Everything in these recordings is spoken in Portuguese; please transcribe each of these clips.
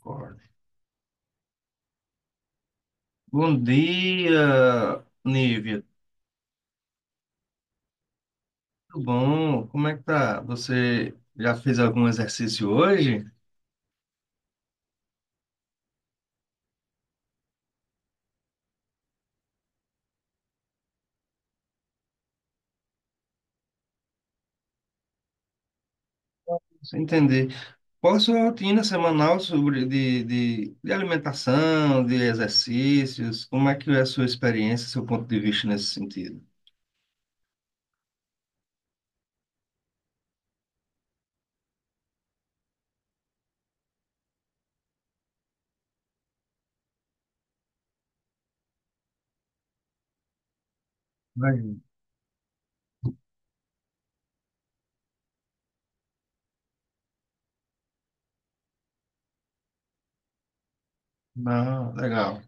Concordo. Bom dia, Nívia. Tudo bom? Como é que tá? Você já fez algum exercício hoje? Sem entender. Qual a sua rotina semanal sobre de alimentação, de exercícios? Como é que é a sua experiência, seu ponto de vista nesse sentido? Imagino. Ah, legal.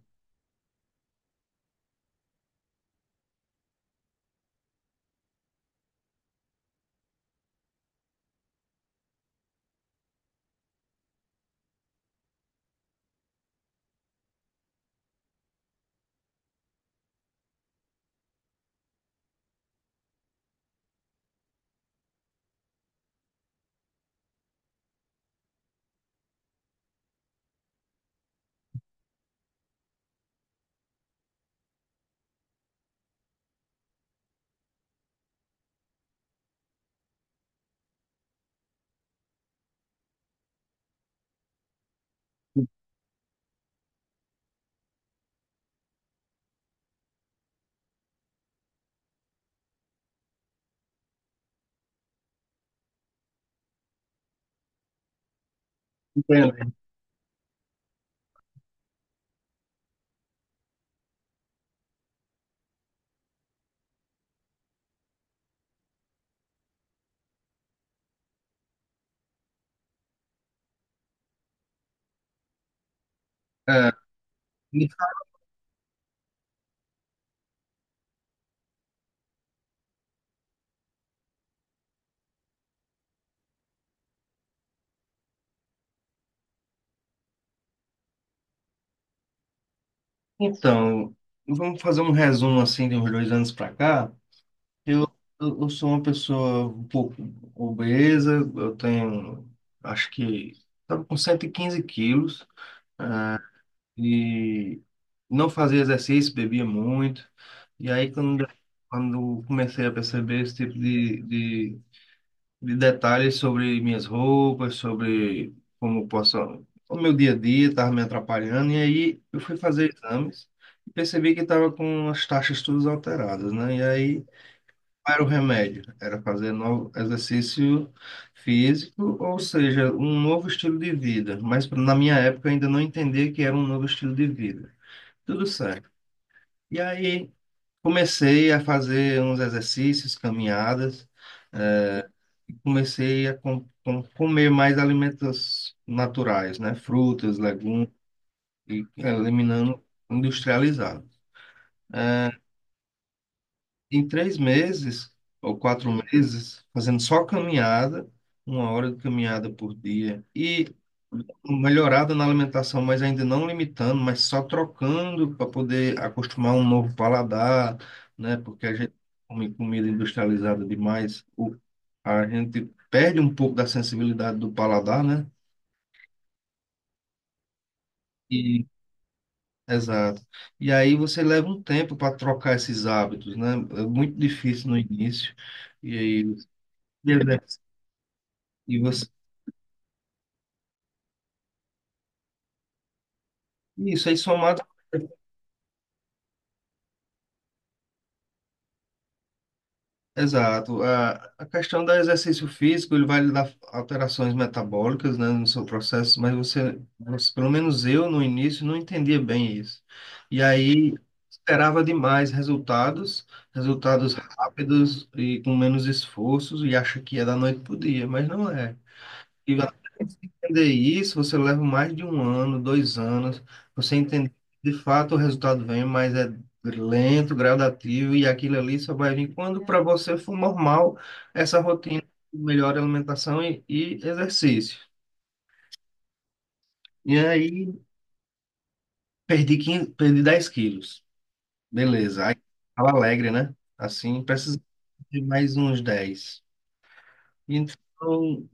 Entendo. Então, vamos fazer um resumo assim de uns dois anos para cá. Eu, eu sou uma pessoa um pouco obesa, eu tenho, acho que, estava com 115 quilos e não fazia exercício, bebia muito. E aí, quando comecei a perceber esse tipo de detalhes sobre minhas roupas, sobre como eu posso, o meu dia a dia estava me atrapalhando, e aí eu fui fazer exames e percebi que estava com as taxas todas alteradas, né? E aí não era o remédio? Era fazer novo exercício físico, ou seja, um novo estilo de vida. Mas na minha época eu ainda não entendia que era um novo estilo de vida. Tudo certo. E aí comecei a fazer uns exercícios, caminhadas, e comecei a comer mais alimentos naturais, né? Frutas, legumes, e eliminando industrializado. Em 3 meses ou 4 meses, fazendo só caminhada, 1 hora de caminhada por dia, e melhorada na alimentação, mas ainda não limitando, mas só trocando para poder acostumar um novo paladar, né? Porque a gente come comida industrializada demais, a gente perde um pouco da sensibilidade do paladar, né? E, exato. E aí você leva um tempo para trocar esses hábitos, né? É muito difícil no início. E aí, E você, isso aí somado, exato. A questão do exercício físico, ele vai lhe dar alterações metabólicas, né, no seu processo, mas pelo menos eu no início não entendia bem isso. E aí esperava demais resultados, resultados rápidos e com menos esforços e acha que é da noite pro dia, mas não é. E até você entender isso, você leva mais de um ano, dois anos, você entender, que, de fato o resultado vem, mas é lento, gradativo, e aquilo ali só vai vir quando para você for normal essa rotina de melhor alimentação e exercício. E aí, perdi 15, perdi 10 quilos. Beleza. Aí, tava alegre, né? Assim, precisa de mais uns 10. Então,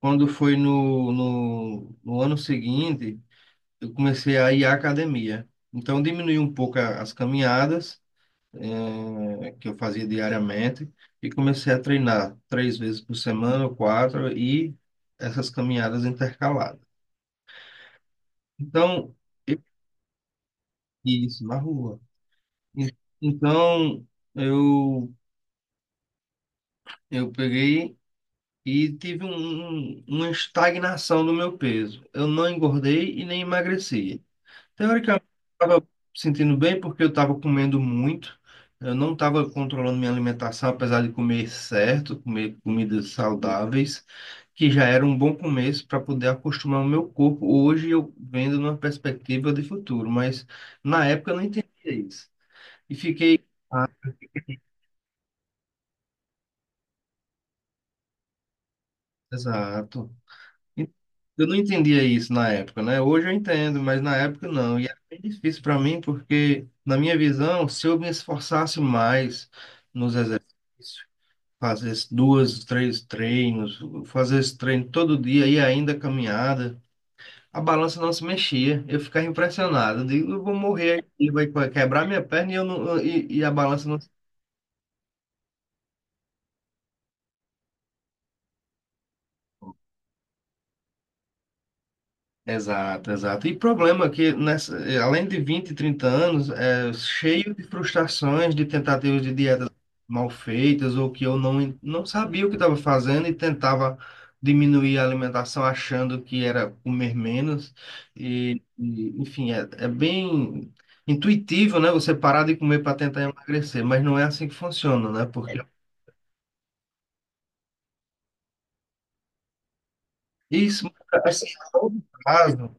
quando foi no ano seguinte, eu comecei a ir à academia. Então, diminui um pouco as caminhadas, que eu fazia diariamente, e comecei a treinar 3 vezes por semana, ou quatro, e essas caminhadas intercaladas. Então, eu- isso, na rua. En- Então, eu, eu peguei e tive uma estagnação no meu peso. Eu não engordei e nem emagreci. Teoricamente, eu estava sentindo bem porque eu estava comendo muito. Eu não estava controlando minha alimentação, apesar de comer certo, comer comidas saudáveis, que já era um bom começo para poder acostumar o meu corpo. Hoje eu vendo numa perspectiva de futuro, mas na época eu não entendia isso. E fiquei. Ah, exato. Eu não entendia isso na época, né? Hoje eu entendo, mas na época não. E era bem difícil para mim, porque, na minha visão, se eu me esforçasse mais nos exercícios, fazer as duas, três treinos, fazer esse treino todo dia e ainda caminhada, a balança não se mexia. Eu ficava impressionado. Eu digo, eu vou morrer aqui, vai quebrar minha perna e, eu não, e a balança não. Exato, exato. E problema que, nessa, além de 20, 30 anos, é cheio de frustrações, de tentativas de dietas mal feitas, ou que eu não, não sabia o que estava fazendo e tentava diminuir a alimentação achando que era comer menos. Enfim, é bem intuitivo, né? Você parar de comer para tentar emagrecer, mas não é assim que funciona, né? Porque isso, assim, a longo prazo,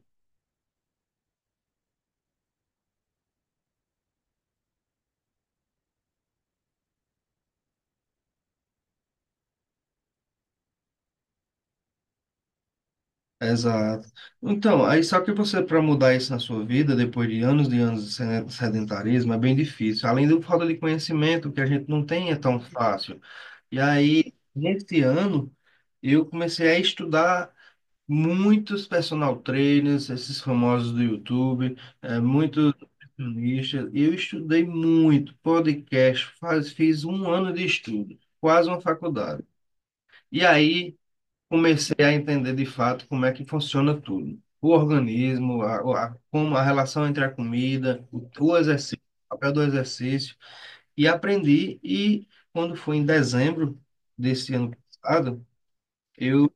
exato. Então, aí só que você, para mudar isso na sua vida, depois de anos e anos de sedentarismo, é bem difícil. Além do falta de conhecimento, que a gente não tem é tão fácil. E aí, nesse ano, eu comecei a estudar muitos personal trainers, esses famosos do YouTube, é, muitos nutricionistas. E eu estudei muito podcast, fiz um ano de estudo, quase uma faculdade. E aí comecei a entender de fato como é que funciona tudo. O organismo, como a relação entre a comida, o exercício, o papel do exercício. E aprendi, e quando foi em dezembro desse ano passado, eu,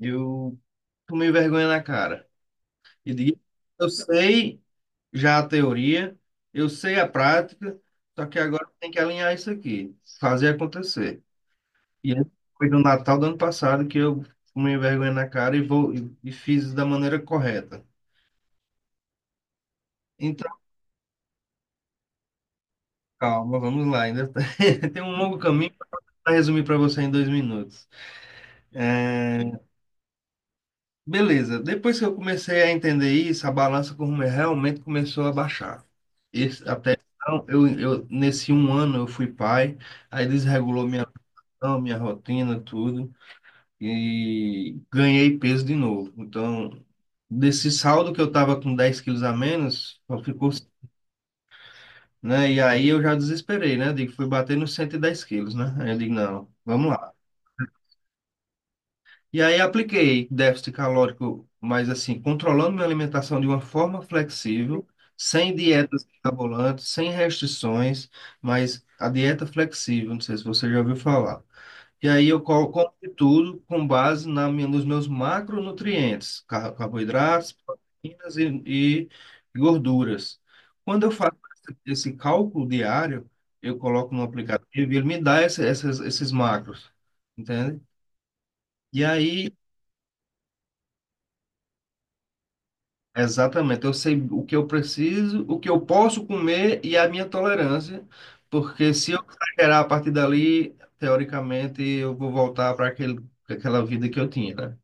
eu tomei vergonha na cara. E digo, eu sei já a teoria, eu sei a prática, só que agora tem que alinhar isso aqui, fazer acontecer. E essa foi do Natal do ano passado que eu fumei vergonha na cara e vou e fiz da maneira correta. Então, calma, vamos lá. Tem um longo caminho para resumir para você em 2 minutos. É, beleza, depois que eu comecei a entender isso, a balança como realmente começou a baixar. Esse, até então, nesse um ano eu fui pai, aí desregulou minha, alimentação, minha rotina, tudo. E ganhei peso de novo. Então, desse saldo que eu tava com 10 quilos a menos, só ficou, né? E aí eu já desesperei, né? Digo, fui bater nos 110 quilos, né? Aí eu digo, não, vamos lá. E aí apliquei déficit calórico, mas assim, controlando minha alimentação de uma forma flexível, sem dietas mirabolantes, sem restrições, mas a dieta flexível, não sei se você já ouviu falar. E aí eu como de tudo com base na minha, nos meus macronutrientes, carboidratos, proteínas e gorduras. Quando eu faço esse cálculo diário, eu coloco no aplicativo e ele me dá esses macros, entende? E aí, exatamente, eu sei o que eu preciso, o que eu posso comer e a minha tolerância, porque se eu exagerar a partir dali, teoricamente, eu vou voltar para aquele, aquela vida que eu tinha, né?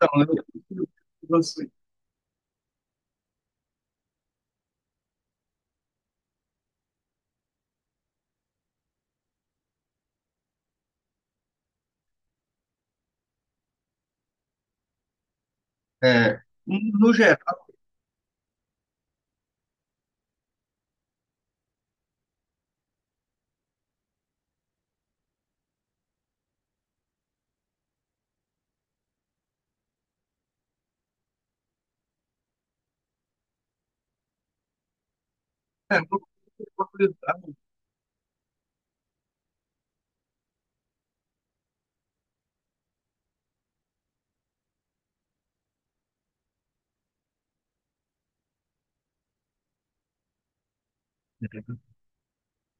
Então, eu- você- é, no geral, é, no-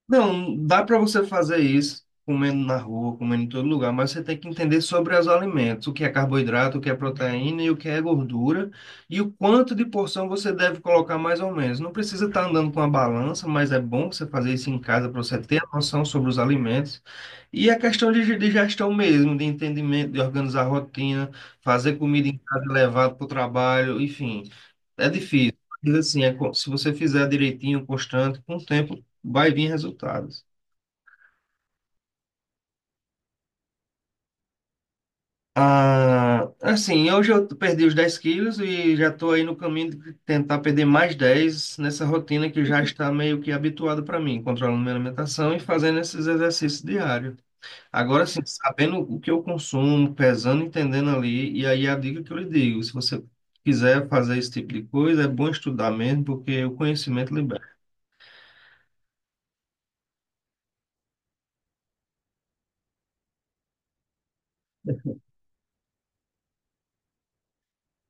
não, dá para você fazer isso comendo na rua, comendo em todo lugar, mas você tem que entender sobre os alimentos, o que é carboidrato, o que é proteína e o que é gordura, e o quanto de porção você deve colocar mais ou menos. Não precisa estar andando com a balança, mas é bom você fazer isso em casa para você ter a noção sobre os alimentos. E a questão de gestão mesmo, de entendimento, de organizar a rotina, fazer comida em casa, levar para o trabalho, enfim. É difícil, mas assim, se você fizer direitinho, constante, com o tempo vai vir resultados. Ah, assim, hoje eu perdi os 10 quilos e já estou aí no caminho de tentar perder mais 10 nessa rotina que já está meio que habituada para mim, controlando minha alimentação e fazendo esses exercícios diários. Agora, assim, sabendo o que eu consumo, pesando, entendendo ali, e aí a dica que eu lhe digo, se você quiser fazer esse tipo de coisa, é bom estudar mesmo, porque o conhecimento libera.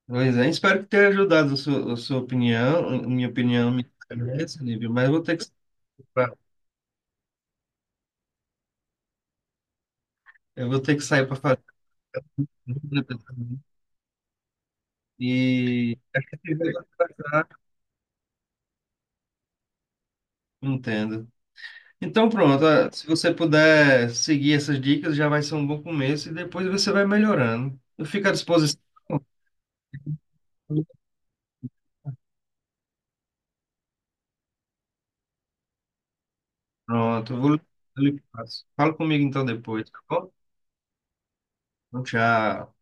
Pois é, espero que tenha ajudado a sua opinião, a minha opinião me interessa, Lívia, mas eu vou ter que sair pra, eu vou ter que sair para fazer compra também. E a gente vai conversar. Entendo. Então pronto, ah, se você puder seguir essas dicas, já vai ser um bom começo e depois você vai melhorando. Eu fico à disposição. Pronto, eu lhe passo. Fala comigo então depois, tá bom? Então, tchau.